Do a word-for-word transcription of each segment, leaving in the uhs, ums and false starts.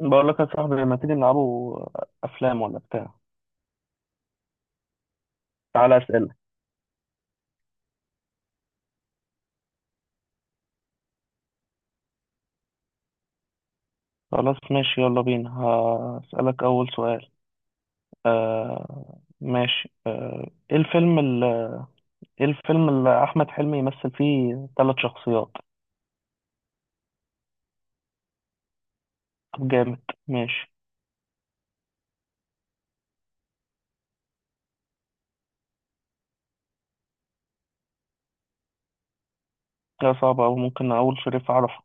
بقول لك يا صاحبي، لما تيجي نلعبوا افلام ولا بتاع. تعالى اسئله. خلاص ماشي. يلا بينا هسالك اول سؤال. آه ماشي. آه ايه الفيلم اللي ايه الفيلم اللي احمد حلمي يمثل فيه ثلاث شخصيات؟ طب جامد. ماشي. لا صعبه، او ممكن اقول شريف عرفة.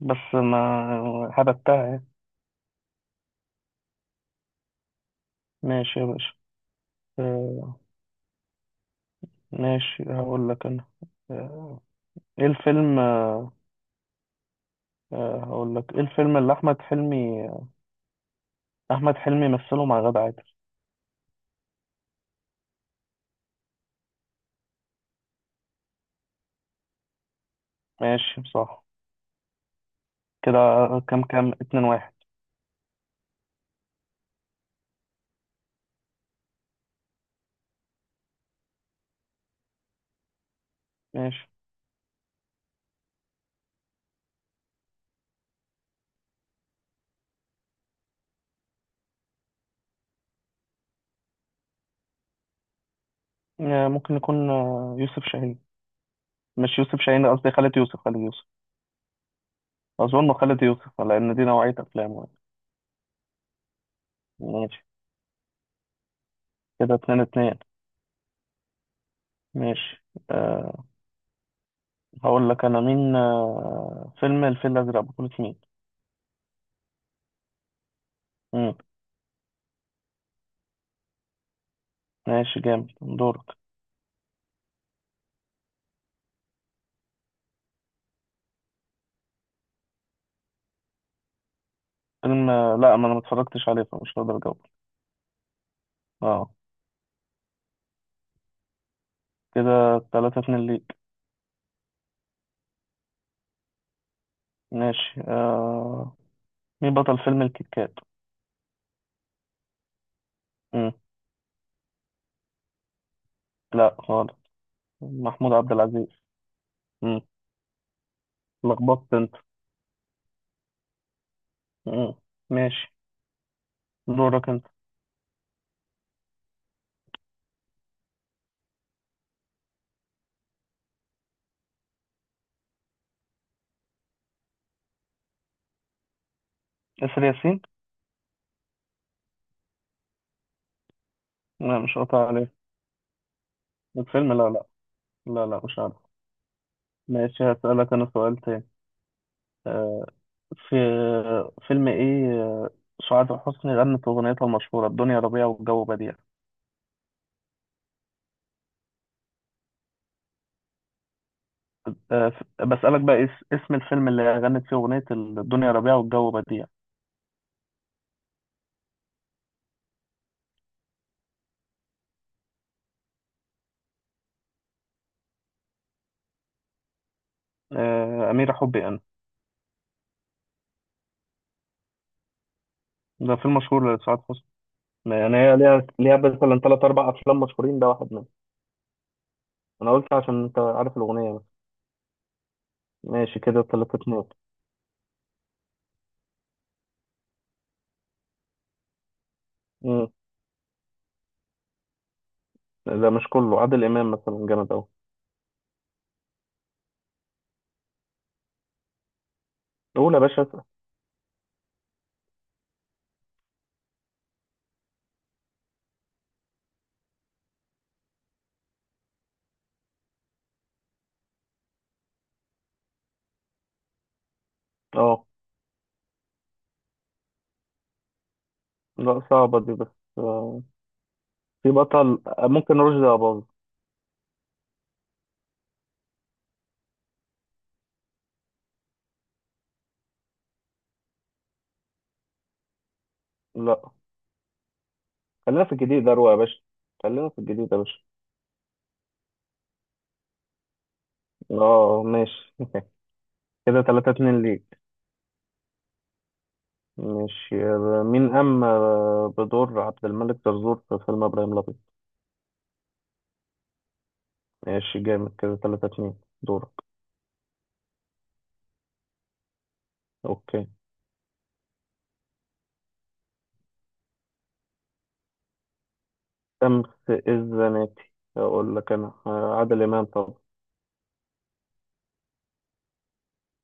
بس ما هبتها يعني. ماشي يا باشا. آه ماشي. هقول لك انا. آه ايه الفيلم آه آه، هقول لك ايه الفيلم اللي احمد حلمي احمد حلمي مثله مع غادة عادل؟ ماشي صح. كده كام كام، اتنين واحد. ماشي آه، ممكن يكون آه، يوسف شاهين. مش يوسف شاهين، قصدي خالد يوسف خالد يوسف أظن خالد يوسف، لأن دي نوعية أفلامه يعني. ماشي. كده اتنين اتنين. ماشي أه هقول لك أنا مين. أه فيلم الفيل الأزرق بطولة مين؟ مم. ماشي جامد. دورك. فيلم آه، لا، ما أنا متفرجتش عليه فمش هقدر أجاوب. اه. كده تلاتة اتنين ليك. ماشي. أه مين بطل فيلم الكيت كات؟ مم. لا خالص. محمود عبد العزيز. مم. لخبطت انت. مم. ماشي. دورك انت. اسر ياسين. لا، مش قاطع عليه الفيلم. لا لا لا، لا، مش عارف. ماشي. هسألك انا سؤال تاني. آه، في فيلم ايه آه، سعاد حسني غنت اغنيتها المشهورة الدنيا ربيع والجو بديع؟ آه، ف- بسألك بقى اس- اسم الفيلم اللي غنت فيه اغنية الدنيا ربيع والجو بديع. آه، أميرة حبي انا. ده فيلم مشهور لسعاد حسني. يعني هي ليها ليها مثلا ثلاث اربع افلام مشهورين، ده واحد منهم. انا قلت عشان انت عارف الاغنية. ماشي. كده تلاتة اتنين. مم. ده مش كله عادل إمام مثلا جامد أوي. قول يا باشا، اسأل. اه لا، صعبة دي بس. آه، في بطل آه، ممكن رشدي أباظة. لا، خلينا في الجديد أروع يا باشا. خلينا في الجديد يا باشا. اه ماشي. كده تلاتة اتنين ليك. ماشي. آه، مين قام آه، بدور عبد الملك زرزور في فيلم إبراهيم الأبيض؟ ماشي جامد. كده تلاتة اتنين. دورك. اوكي. شمس الزناتي. اقول لك انا آه، عادل امام طبعا.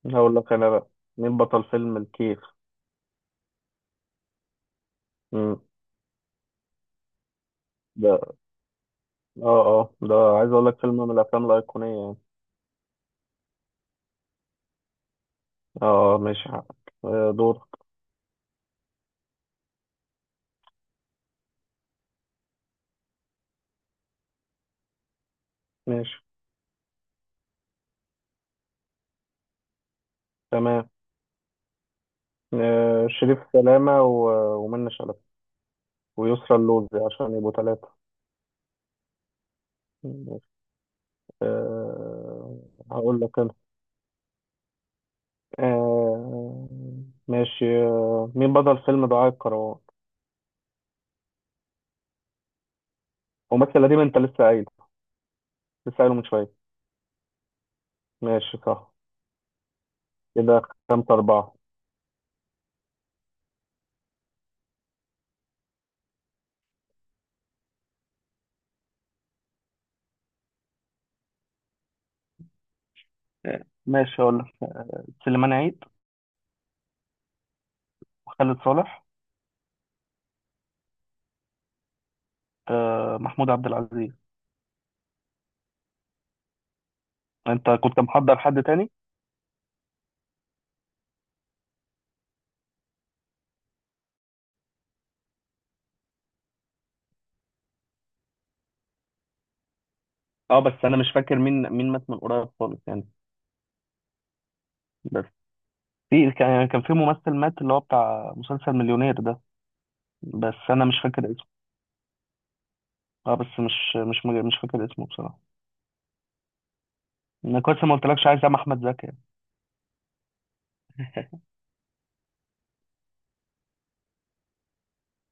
هقول لك انا بقى. مين بطل فيلم الكيف؟ مم. ده اه اه ده عايز اقول لك فيلم من الافلام الايقونيه يعني. اه آه، ماشي حقك. آه، دور. ماشي تمام. آه، شريف سلامه و- ومنة شلبي ويسرى اللوزي عشان يبقوا ثلاثه. أه هقول لك انا. آه، ماشي. آه، مين بطل فيلم دعاء الكروان؟ ممثل قديم انت لسه قايل، لسه قايله من شويه. ماشي صح. كده خمسة أربعة. آه، ماشي. هقول لك: سليمان عيد، خالد صالح، آه، محمود عبد العزيز. انت كنت محضر حد تاني؟ اه، بس انا مش فاكر مين مين مات من قريب خالص يعني. بس في كان يعني كان في ممثل مات اللي هو بتاع مسلسل مليونير ده، بس انا مش فاكر اسمه. اه بس مش مش مج- مش فاكر اسمه بصراحه. انا كويس ما قلتلكش، عايز اعمل احمد زكي يعني.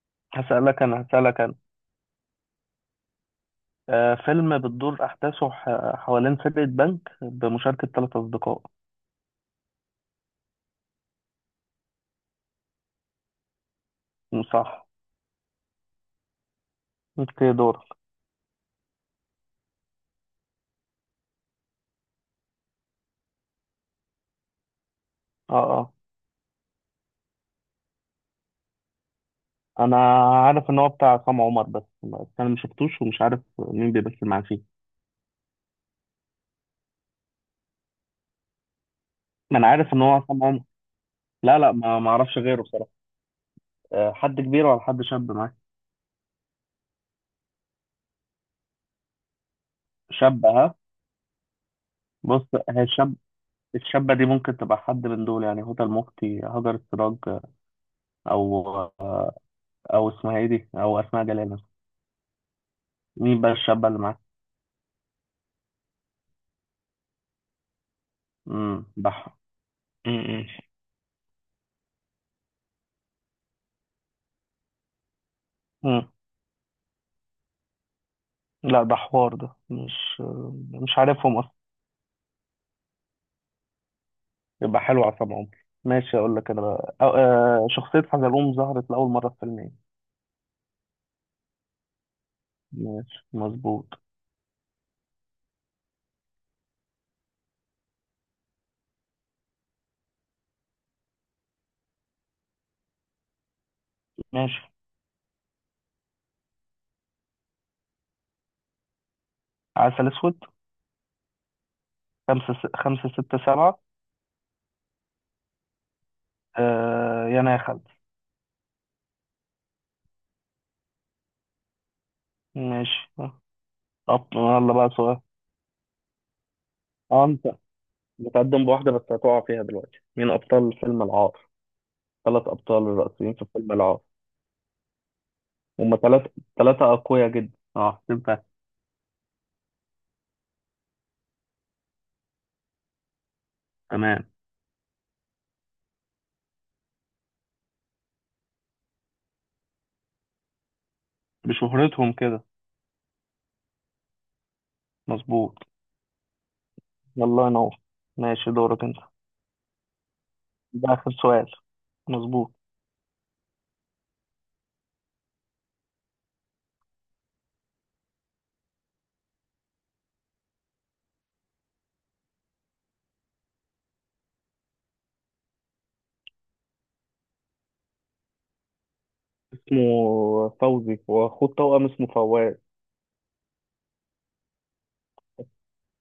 هسألك انا هسألك انا آه فيلم بتدور احداثه ح- حوالين سرقة بنك بمشاركة ثلاث اصدقاء. صح. انت دورك. اه، انا عارف ان هو بتاع عصام عمر، بس بس انا ما شفتوش ومش عارف مين بيمثل معاه فيه. ما انا عارف ان هو عصام عمر. لا، لا، ما ما اعرفش غيره بصراحه. أه، حد كبير ولا حد شاب معاك؟ شاب، ها. بص، هي الشاب، الشابه دي ممكن تبقى حد من دول، يعني هدى المفتي، هاجر السراج، او او اسمها ايه دي، او اسماء جلال مثلا. مين بقى الشابه اللي معاك؟ امم. بح. امم. أمم. لا، ده حوار، ده مش مش عارفهم. يبقى حلو على طبعا. ماشي. اقول لك انا بقى. أو آه شخصية حزلوم ظهرت لأول مرة في فيلم ايه؟ ماشي مظبوط. ماشي. عسل اسود. خمسة س... خمسة ستة سبعة. آه يا انا يا خالد. ماشي. أب... يلا بقى سؤال. اه انت متقدم بواحدة، بس هتقع فيها دلوقتي. مين ابطال فيلم العار؟ ثلاث ابطال الرئيسيين في فيلم العار. هما ثلاثة، ثلاثة اقوياء جدا، اه تنفع. تمام. بشهرتهم كده. مظبوط. يلا ينور. ماشي. دورك انت. ده اخر سؤال. مظبوط. اسمه فوزي، واخوه التوأم اسمه فواز.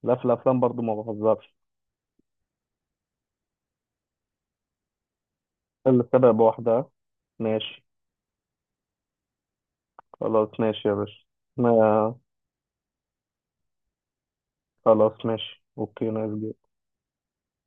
لا، في الافلام برضو ما بهزرش. اللي سبق بواحدة. ماشي خلاص. ماشي يا باشا. ما خلاص ماشي. اوكي نايس جدا.